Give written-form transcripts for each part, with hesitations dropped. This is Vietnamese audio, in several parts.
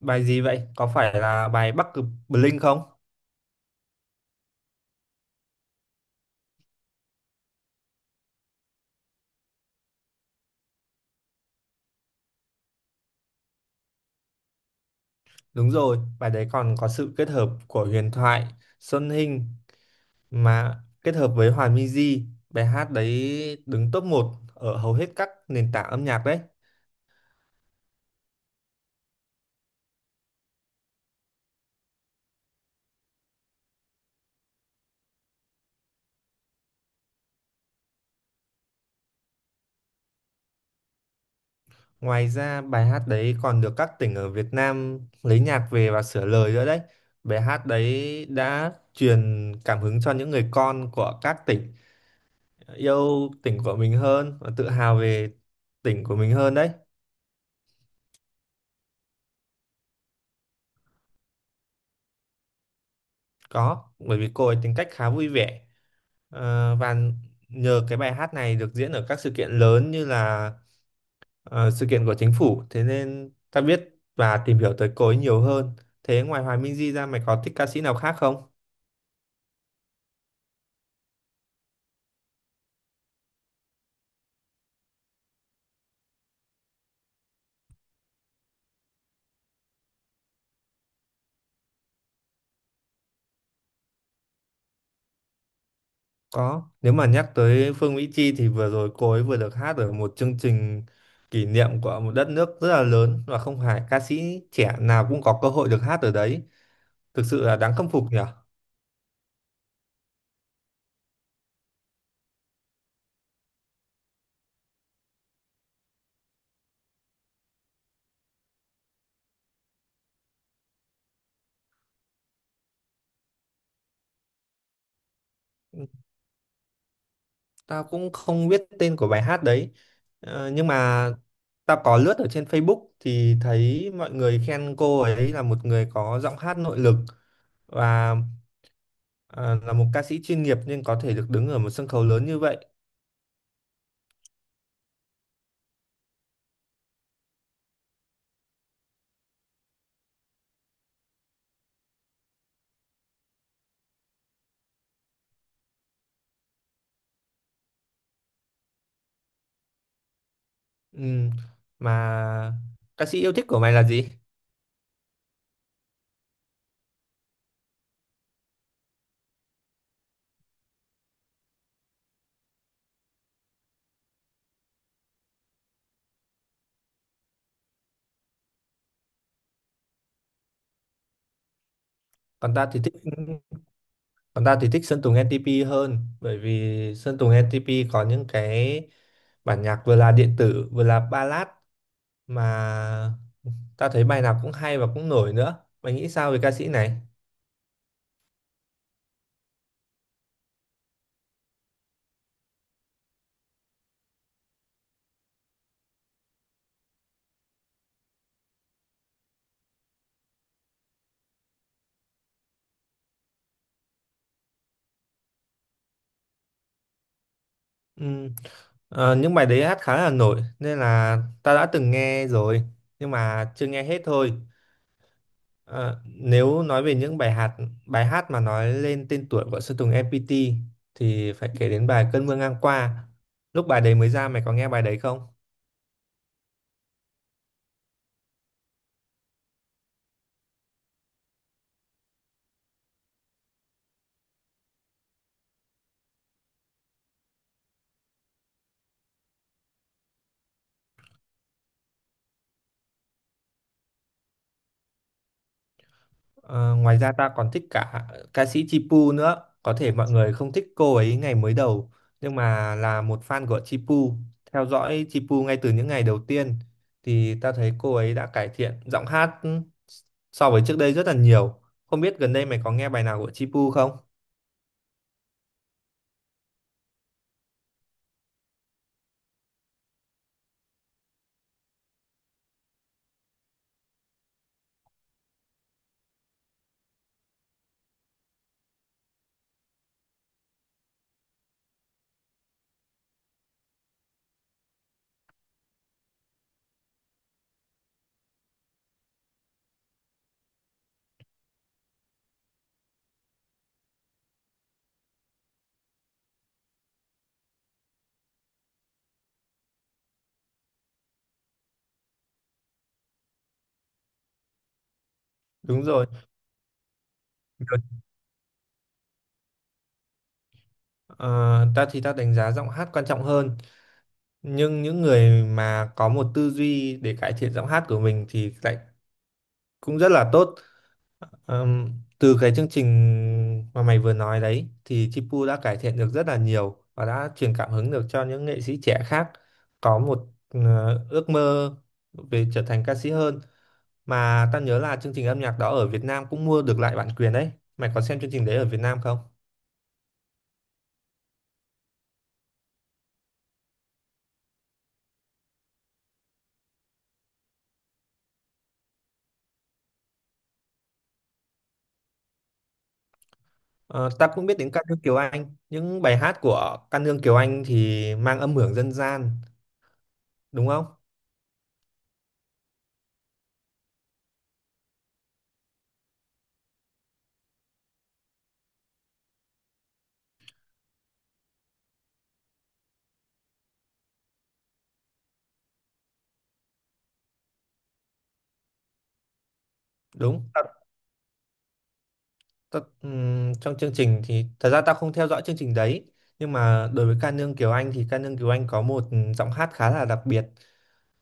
Bài gì vậy? Có phải là bài Bắc Cực Blink không? Đúng rồi, bài đấy còn có sự kết hợp của huyền thoại Xuân Hinh mà kết hợp với Hòa Minzy. Bài hát đấy đứng top một ở hầu hết các nền tảng âm nhạc đấy. Ngoài ra bài hát đấy còn được các tỉnh ở Việt Nam lấy nhạc về và sửa lời nữa đấy. Bài hát đấy đã truyền cảm hứng cho những người con của các tỉnh yêu tỉnh của mình hơn và tự hào về tỉnh của mình hơn đấy. Có, bởi vì cô ấy tính cách khá vui vẻ. Và nhờ cái bài hát này được diễn ở các sự kiện lớn như là sự kiện của chính phủ, thế nên ta biết và tìm hiểu tới cô ấy nhiều hơn. Thế ngoài Hoài Minh Di ra mày có thích ca sĩ nào khác không? Có, nếu mà nhắc tới Phương Mỹ Chi thì vừa rồi cô ấy vừa được hát ở một chương trình kỷ niệm của một đất nước rất là lớn, và không phải ca sĩ trẻ nào cũng có cơ hội được hát ở đấy. Thực sự là đáng khâm phục nhỉ? Tao cũng không biết tên của bài hát đấy. Nhưng mà tao có lướt ở trên Facebook thì thấy mọi người khen cô ấy là một người có giọng hát nội lực, và ờ, là một ca sĩ chuyên nghiệp nên có thể được đứng ở một sân khấu lớn như vậy. Ừm, Mà ca sĩ yêu thích của mày là gì? Còn tao thì thích còn tao thì thích Sơn Tùng NTP hơn, bởi vì Sơn Tùng NTP có những cái bản nhạc vừa là điện tử vừa là ballad. Mà Tao thấy bài nào cũng hay và cũng nổi nữa. Mày nghĩ sao về ca sĩ này? Ừm, những bài đấy hát khá là nổi nên là tao đã từng nghe rồi, nhưng mà chưa nghe hết thôi. Ờ, Nếu nói về những bài hát mà nói lên tên tuổi của Sơn Tùng MPT thì phải kể đến bài Cơn mưa ngang qua. Lúc bài đấy mới ra mày có nghe bài đấy không? Ờ, Ngoài ra ta còn thích cả ca sĩ Chipu nữa. Có thể mọi người không thích cô ấy ngày mới đầu, nhưng mà là một fan của Chipu, theo dõi Chipu ngay từ những ngày đầu tiên, thì ta thấy cô ấy đã cải thiện giọng hát so với trước đây rất là nhiều. Không biết gần đây mày có nghe bài nào của Chipu không? Đúng rồi. Được. Ờ, Ta thì ta đánh giá giọng hát quan trọng hơn, nhưng những người mà có một tư duy để cải thiện giọng hát của mình thì lại cũng rất là tốt. Ờm, Từ cái chương trình mà mày vừa nói đấy thì Chipu đã cải thiện được rất là nhiều và đã truyền cảm hứng được cho những nghệ sĩ trẻ khác có một ước mơ về trở thành ca sĩ hơn. Mà tao nhớ là chương trình âm nhạc đó ở Việt Nam cũng mua được lại bản quyền đấy. Mày có xem chương trình đấy ở Việt Nam không? Ờ, Tao cũng biết đến ca nương Kiều Anh. Những bài hát của ca nương Kiều Anh thì mang âm hưởng dân gian đúng không? Đúng. Trong chương trình thì thật ra tao không theo dõi chương trình đấy, nhưng mà đối với ca nương Kiều Anh thì ca nương Kiều Anh có một giọng hát khá là đặc biệt.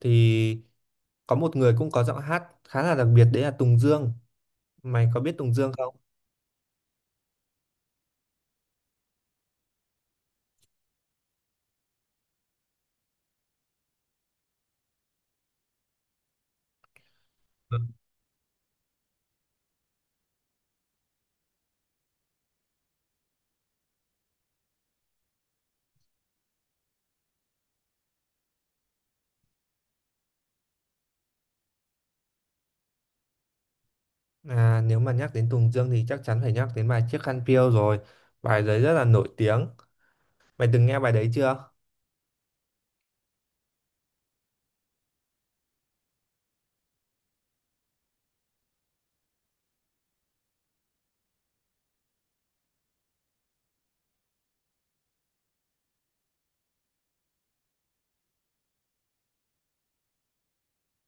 Thì có một người cũng có giọng hát khá là đặc biệt, đấy là Tùng Dương. Mày có biết Tùng Dương không? Ừ. Nếu mà nhắc đến Tùng Dương thì chắc chắn phải nhắc đến bài Chiếc Khăn Piêu rồi. Bài đấy rất là nổi tiếng. Mày từng nghe bài đấy chưa?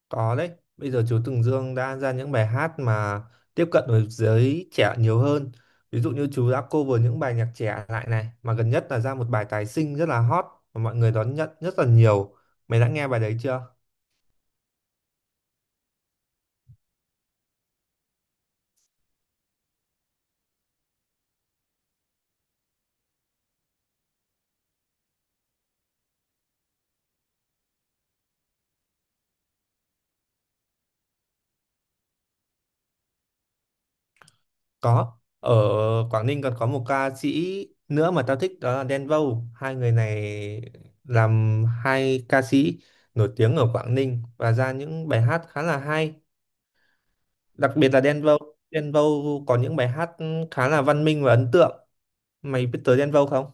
Có đấy, bây giờ chú Tùng Dương đã ra những bài hát mà tiếp cận với giới trẻ nhiều hơn. Ví dụ như chú đã cover những bài nhạc trẻ lại này, mà gần nhất là ra một bài tái sinh rất là hot mà mọi người đón nhận rất là nhiều. Mày đã nghe bài đấy chưa? Có. Ở Quảng Ninh còn có một ca sĩ nữa mà tao thích, đó là Đen Vâu. Hai người này làm hai ca sĩ nổi tiếng ở Quảng Ninh và ra những bài hát khá là hay, đặc biệt là Đen Vâu. Đen Vâu có những bài hát khá là văn minh và ấn tượng. Mày biết tới Đen Vâu không?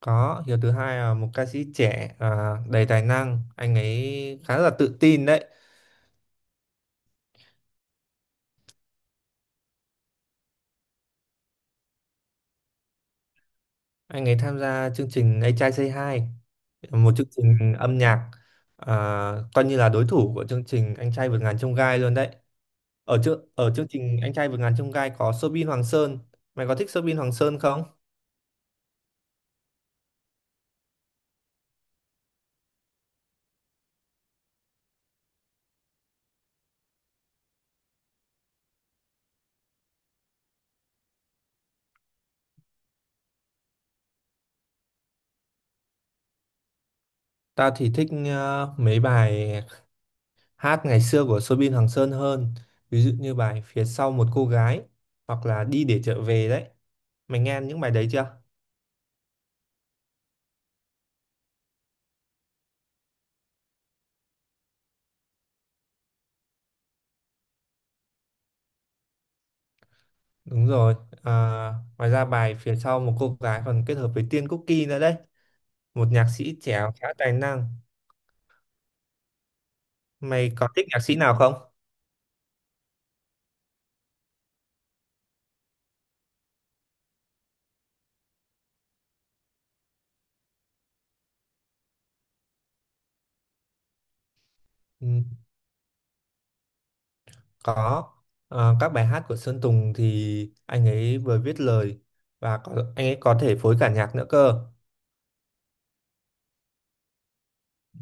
Có. Hiếu thứ hai là một ca sĩ trẻ đầy tài năng, anh ấy khá là tự tin đấy. Anh ấy tham gia chương trình A Trai Say Hi, một chương trình âm nhạc à, coi như là đối thủ của chương trình Anh Trai Vượt Ngàn Chông Gai luôn đấy. Ở chương trình Anh Trai Vượt Ngàn Chông Gai có Soobin Hoàng Sơn. Mày có thích Soobin Hoàng Sơn không? Tao thì thích mấy bài hát ngày xưa của Soobin Hoàng Sơn hơn, ví dụ như bài phía sau một cô gái, hoặc là đi để trở về đấy. Mày nghe những bài đấy chưa? Đúng rồi. à, Ngoài ra bài phía sau một cô gái còn kết hợp với Tiên Cookie nữa đấy, một nhạc sĩ trẻ khá tài năng. Mày có thích nhạc sĩ nào không? Ừ, có. Các bài hát của Sơn Tùng thì anh ấy vừa viết lời, và có, anh ấy có thể phối cả nhạc nữa cơ.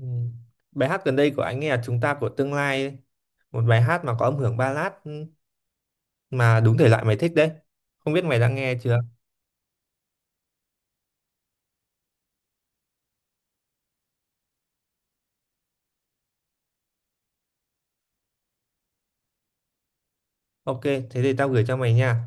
Ừ. Bài hát gần đây của anh nghe là Chúng ta của tương lai ấy. Một bài hát mà có âm hưởng ballad mà đúng thể loại mày thích đấy. Không biết mày đã nghe chưa? Ok, thế thì tao gửi cho mày nha.